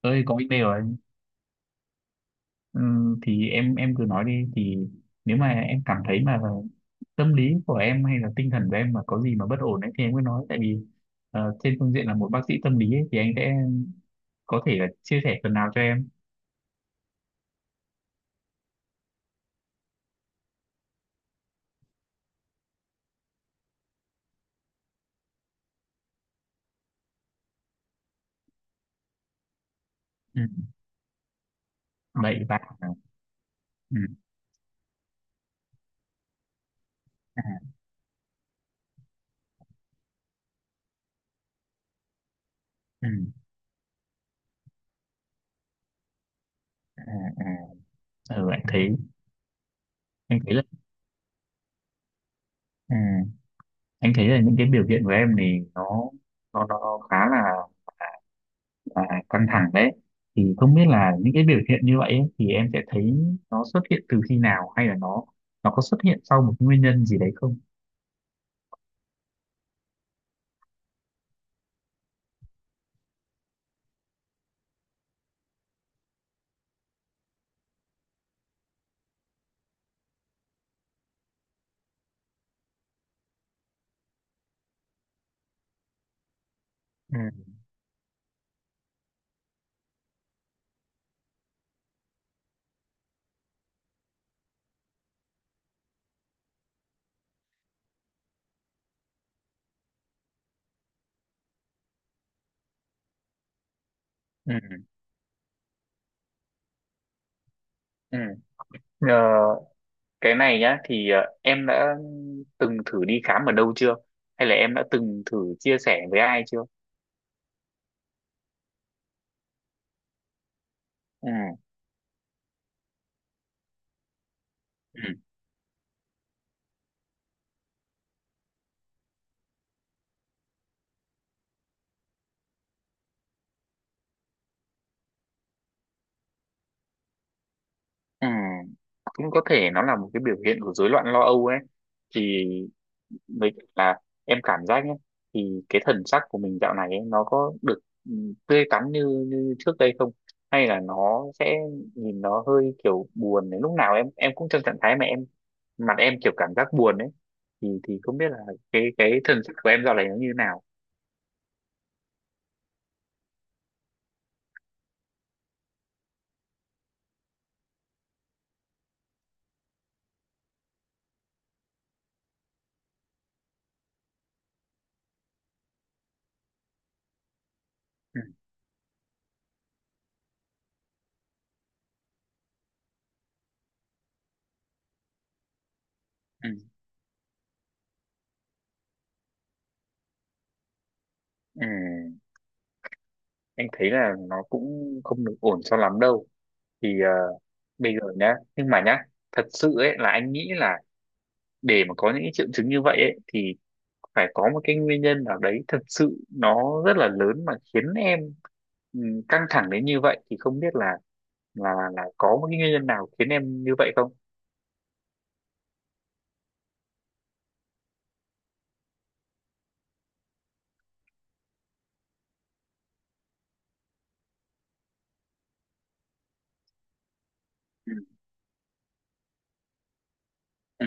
Ơi, có email rồi anh. Thì em cứ nói đi thì nếu mà em cảm thấy mà tâm lý của em hay là tinh thần của em mà có gì mà bất ổn ấy thì em cứ nói, tại vì trên phương diện là một bác sĩ tâm lý ấy, thì anh sẽ có thể là chia sẻ phần nào cho em. Ừ. Vậy và ừ. À, ừ. À, à. Ừ. Anh thấy là ừ. Anh thấy là những cái biểu hiện của em thì nó khá là căng thẳng đấy, thì không biết là những cái biểu hiện như vậy ấy, thì em sẽ thấy nó xuất hiện từ khi nào, hay là nó có xuất hiện sau một nguyên nhân gì đấy không? Ừ, ừ, ừ. Ờ, cái này nhá, thì em đã từng thử đi khám ở đâu chưa, hay là em đã từng thử chia sẻ với ai chưa? Ừ, ừ, ừ. Cũng có thể nó là một cái biểu hiện của rối loạn lo âu ấy, thì với cả là em cảm giác nhé, thì cái thần sắc của mình dạo này ấy, nó có được ừ, tươi tắn như như trước đây không, hay là nó sẽ nhìn nó hơi kiểu buồn đấy, lúc nào em cũng trong trạng thái mà em mặt em kiểu cảm giác buồn ấy, thì không biết là cái thần sắc của em dạo này nó như thế nào. Ừ, ừ, ừ. Em thấy là nó cũng không được ổn cho lắm đâu, thì bây giờ nhá, nhưng mà nhá thật sự ấy là anh nghĩ là để mà có những cái triệu chứng như vậy ấy thì phải có một cái nguyên nhân nào đấy thật sự nó rất là lớn mà khiến em ừ, căng thẳng đến như vậy, thì không biết là là có một cái nguyên nhân nào khiến em như vậy không? Ừ. Ừ.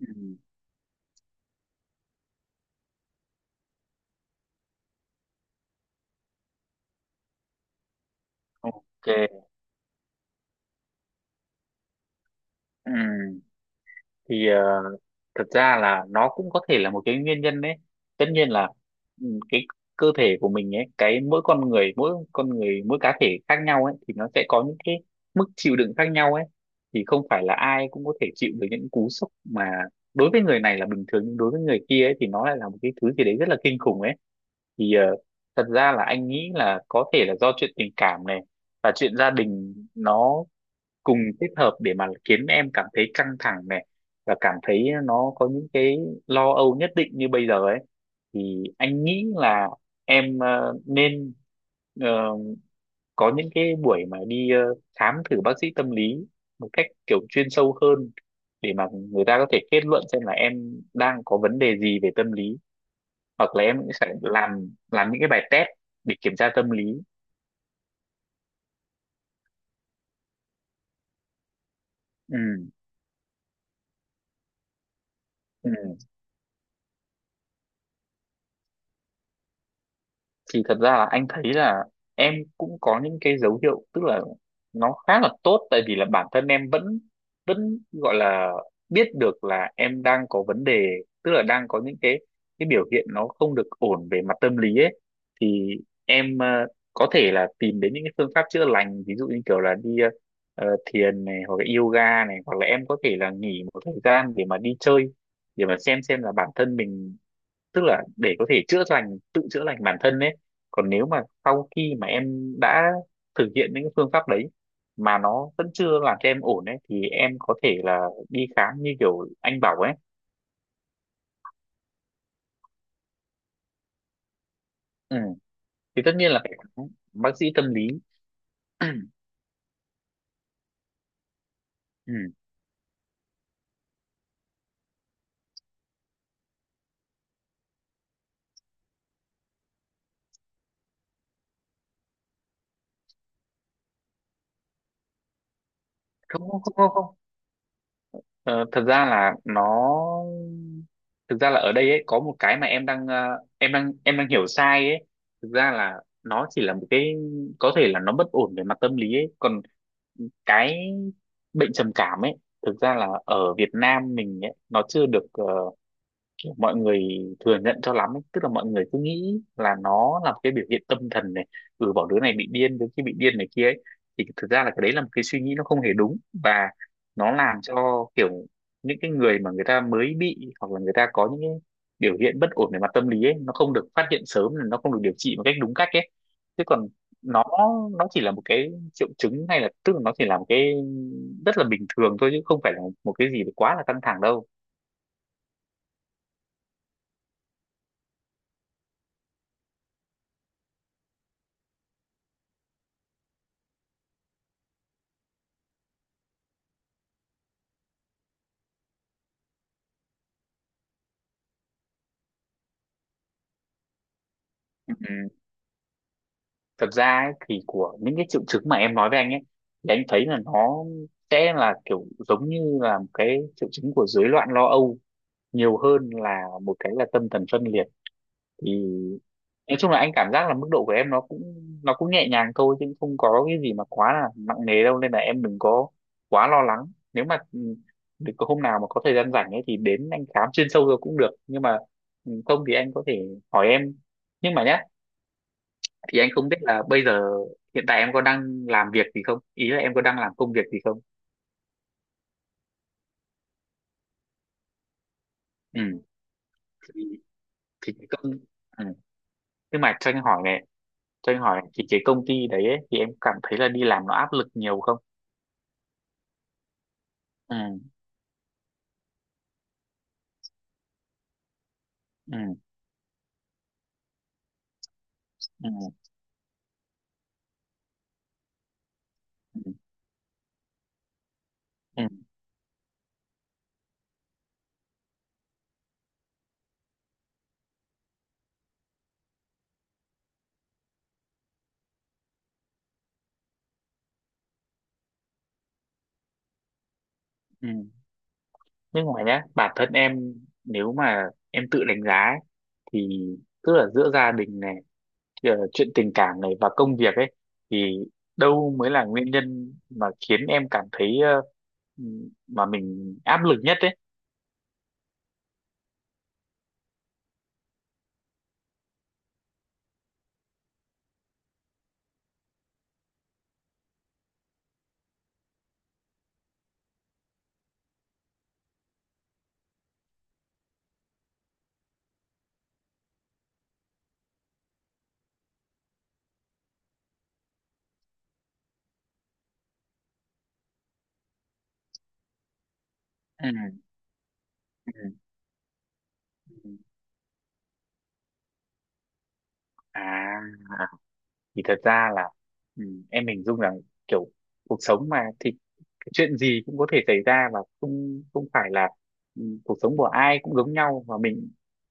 Ừ, ừ. Ok. Ừ. Thì thật ra là nó cũng có thể là một cái nguyên nhân đấy, tất nhiên là ừ, cái cơ thể của mình ấy, cái mỗi con người mỗi cá thể khác nhau ấy thì nó sẽ có những cái mức chịu đựng khác nhau ấy, thì không phải là ai cũng có thể chịu được những cú sốc mà đối với người này là bình thường nhưng đối với người kia ấy thì nó lại là một cái thứ gì đấy rất là kinh khủng ấy, thì thật ra là anh nghĩ là có thể là do chuyện tình cảm này và chuyện gia đình, nó cùng kết hợp để mà khiến em cảm thấy căng thẳng này và cảm thấy nó có những cái lo âu nhất định như bây giờ ấy, thì anh nghĩ là em nên ờ, có những cái buổi mà đi khám thử bác sĩ tâm lý một cách kiểu chuyên sâu hơn để mà người ta có thể kết luận xem là em đang có vấn đề gì về tâm lý, hoặc là em cũng sẽ làm những cái bài test để kiểm tra tâm lý. Ừ, ừ. Thì thật ra là anh thấy là em cũng có những cái dấu hiệu, tức là nó khá là tốt tại vì là bản thân em vẫn vẫn gọi là biết được là em đang có vấn đề, tức là đang có những cái biểu hiện nó không được ổn về mặt tâm lý ấy, thì em có thể là tìm đến những cái phương pháp chữa lành, ví dụ như kiểu là đi thiền này, hoặc là yoga này, hoặc là em có thể là nghỉ một thời gian để mà đi chơi để mà xem là bản thân mình, tức là để có thể chữa lành tự chữa lành bản thân đấy. Còn nếu mà sau khi mà em đã thực hiện những cái phương pháp đấy mà nó vẫn chưa làm cho em ổn ấy thì em có thể là đi khám như kiểu anh bảo ấy. Ừ. Thì tất nhiên là phải khám bác sĩ tâm lý. Ừ. Không, không, không, không, không. Ờ, thật ra là nó thực ra là ở đây ấy có một cái mà em đang em đang hiểu sai ấy, thực ra là nó chỉ là một cái, có thể là nó bất ổn về mặt tâm lý ấy, còn cái bệnh trầm cảm ấy thực ra là ở Việt Nam mình ấy, nó chưa được kiểu mọi người thừa nhận cho lắm ấy. Tức là mọi người cứ nghĩ là nó là một cái biểu hiện tâm thần này, ừ, bảo đứa này bị điên đứa kia bị điên này kia ấy, thì thực ra là cái đấy là một cái suy nghĩ nó không hề đúng, và nó làm cho kiểu những cái người mà người ta mới bị hoặc là người ta có những cái biểu hiện bất ổn về mặt tâm lý ấy nó không được phát hiện sớm, nó không được điều trị một cách đúng cách ấy, chứ còn nó nó chỉ là một cái triệu chứng hay là tức là nó chỉ là một cái rất là bình thường thôi, chứ không phải là một cái gì quá là căng thẳng đâu. Ừ. Thật ra ấy, thì của những cái triệu chứng mà em nói với anh ấy, thì anh thấy là nó sẽ là kiểu giống như là một cái triệu chứng của rối loạn lo âu nhiều hơn là một cái là tâm thần phân liệt, thì nói chung là anh cảm giác là mức độ của em nó cũng nhẹ nhàng thôi, chứ không có cái gì mà quá là nặng nề đâu, nên là em đừng có quá lo lắng. Nếu mà ừ, được có hôm nào mà có thời gian rảnh ấy thì đến anh khám chuyên sâu rồi cũng được, nhưng mà ừ, không thì anh có thể hỏi em nhưng mà nhá, thì anh không biết là bây giờ hiện tại em có đang làm việc gì không, ý là em có đang làm công việc gì không? Ừ. thì, thì cái công ừ. Nhưng mà cho anh hỏi này, thì cái công ty đấy ấy, thì em cảm thấy là đi làm nó áp lực nhiều không? Ừ, ừ, ừ, ừ, ừ, ừ. Nhưng mà nhá bản thân em, nếu mà em tự đánh giá ấy, thì tức là giữa gia đình này, ờ, chuyện tình cảm này và công việc ấy, thì đâu mới là nguyên nhân mà khiến em cảm thấy mà mình áp lực nhất ấy? Ừ, ừ, ừ. À, thì thật ra là em hình dung rằng kiểu cuộc sống mà thì chuyện gì cũng có thể xảy ra, và không không phải là ừ, cuộc sống của ai cũng giống nhau, và mình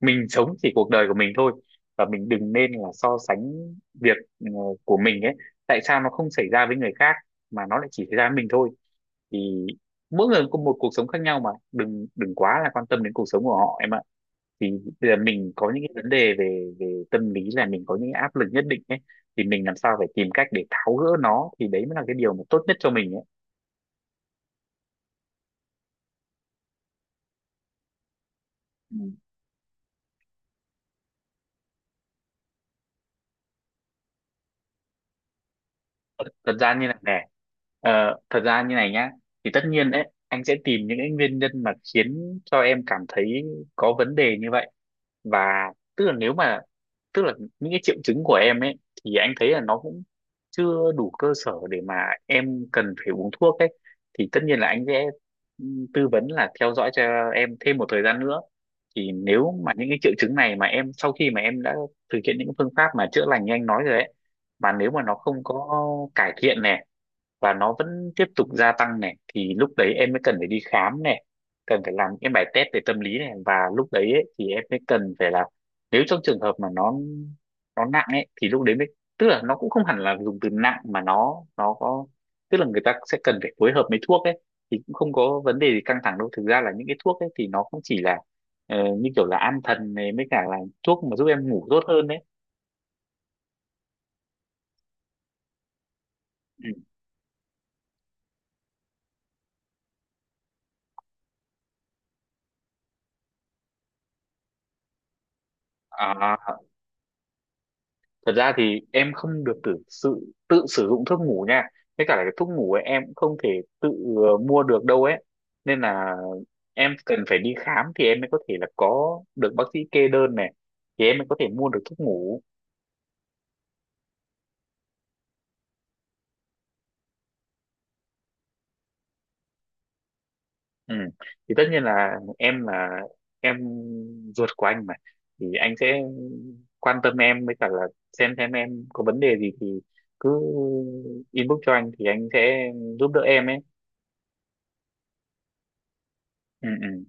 mình sống chỉ cuộc đời của mình thôi, và mình đừng nên là so sánh việc ừ, của mình ấy, tại sao nó không xảy ra với người khác mà nó lại chỉ xảy ra với mình thôi, thì mỗi người có một cuộc sống khác nhau mà đừng đừng quá là quan tâm đến cuộc sống của họ em ạ. Thì bây giờ mình có những cái vấn đề về về tâm lý là mình có những cái áp lực nhất định ấy, thì mình làm sao phải tìm cách để tháo gỡ nó, thì đấy mới là cái điều mà tốt nhất cho mình ấy. Thật ra như này nè, thật ra như này nhá, thì tất nhiên đấy anh sẽ tìm những cái nguyên nhân mà khiến cho em cảm thấy có vấn đề như vậy, và tức là nếu mà tức là những cái triệu chứng của em ấy, thì anh thấy là nó cũng chưa đủ cơ sở để mà em cần phải uống thuốc ấy, thì tất nhiên là anh sẽ ừ, tư vấn là theo dõi cho em thêm một thời gian nữa. Thì nếu mà những cái triệu chứng này mà em sau khi mà em đã thực hiện những phương pháp mà chữa lành như anh nói rồi ấy, mà nếu mà nó không có cải thiện này và nó vẫn tiếp tục gia tăng này thì lúc đấy em mới cần phải đi khám này, cần phải làm những bài test về tâm lý này, và lúc đấy ấy, thì em mới cần phải là nếu trong trường hợp mà nó nặng ấy thì lúc đấy mới tức là nó cũng không hẳn là dùng từ nặng mà nó có tức là người ta sẽ cần phải phối hợp với thuốc ấy, thì cũng không có vấn đề gì căng thẳng đâu, thực ra là những cái thuốc ấy thì nó cũng chỉ là như kiểu là an thần này, mới cả là thuốc mà giúp em ngủ tốt hơn đấy. Ừ. À, thật ra thì em không được tự sử dụng thuốc ngủ nha, với cả là cái thuốc ngủ ấy em cũng không thể tự mua được đâu ấy, nên là em cần phải đi khám thì em mới có thể là có được bác sĩ kê đơn này, thì em mới có thể mua được thuốc ngủ. Ừ. Thì tất nhiên là em ruột của anh mà, thì anh sẽ quan tâm em với cả là xem em có vấn đề gì thì cứ inbox cho anh, thì anh sẽ giúp đỡ em ấy. Ừ, ừ.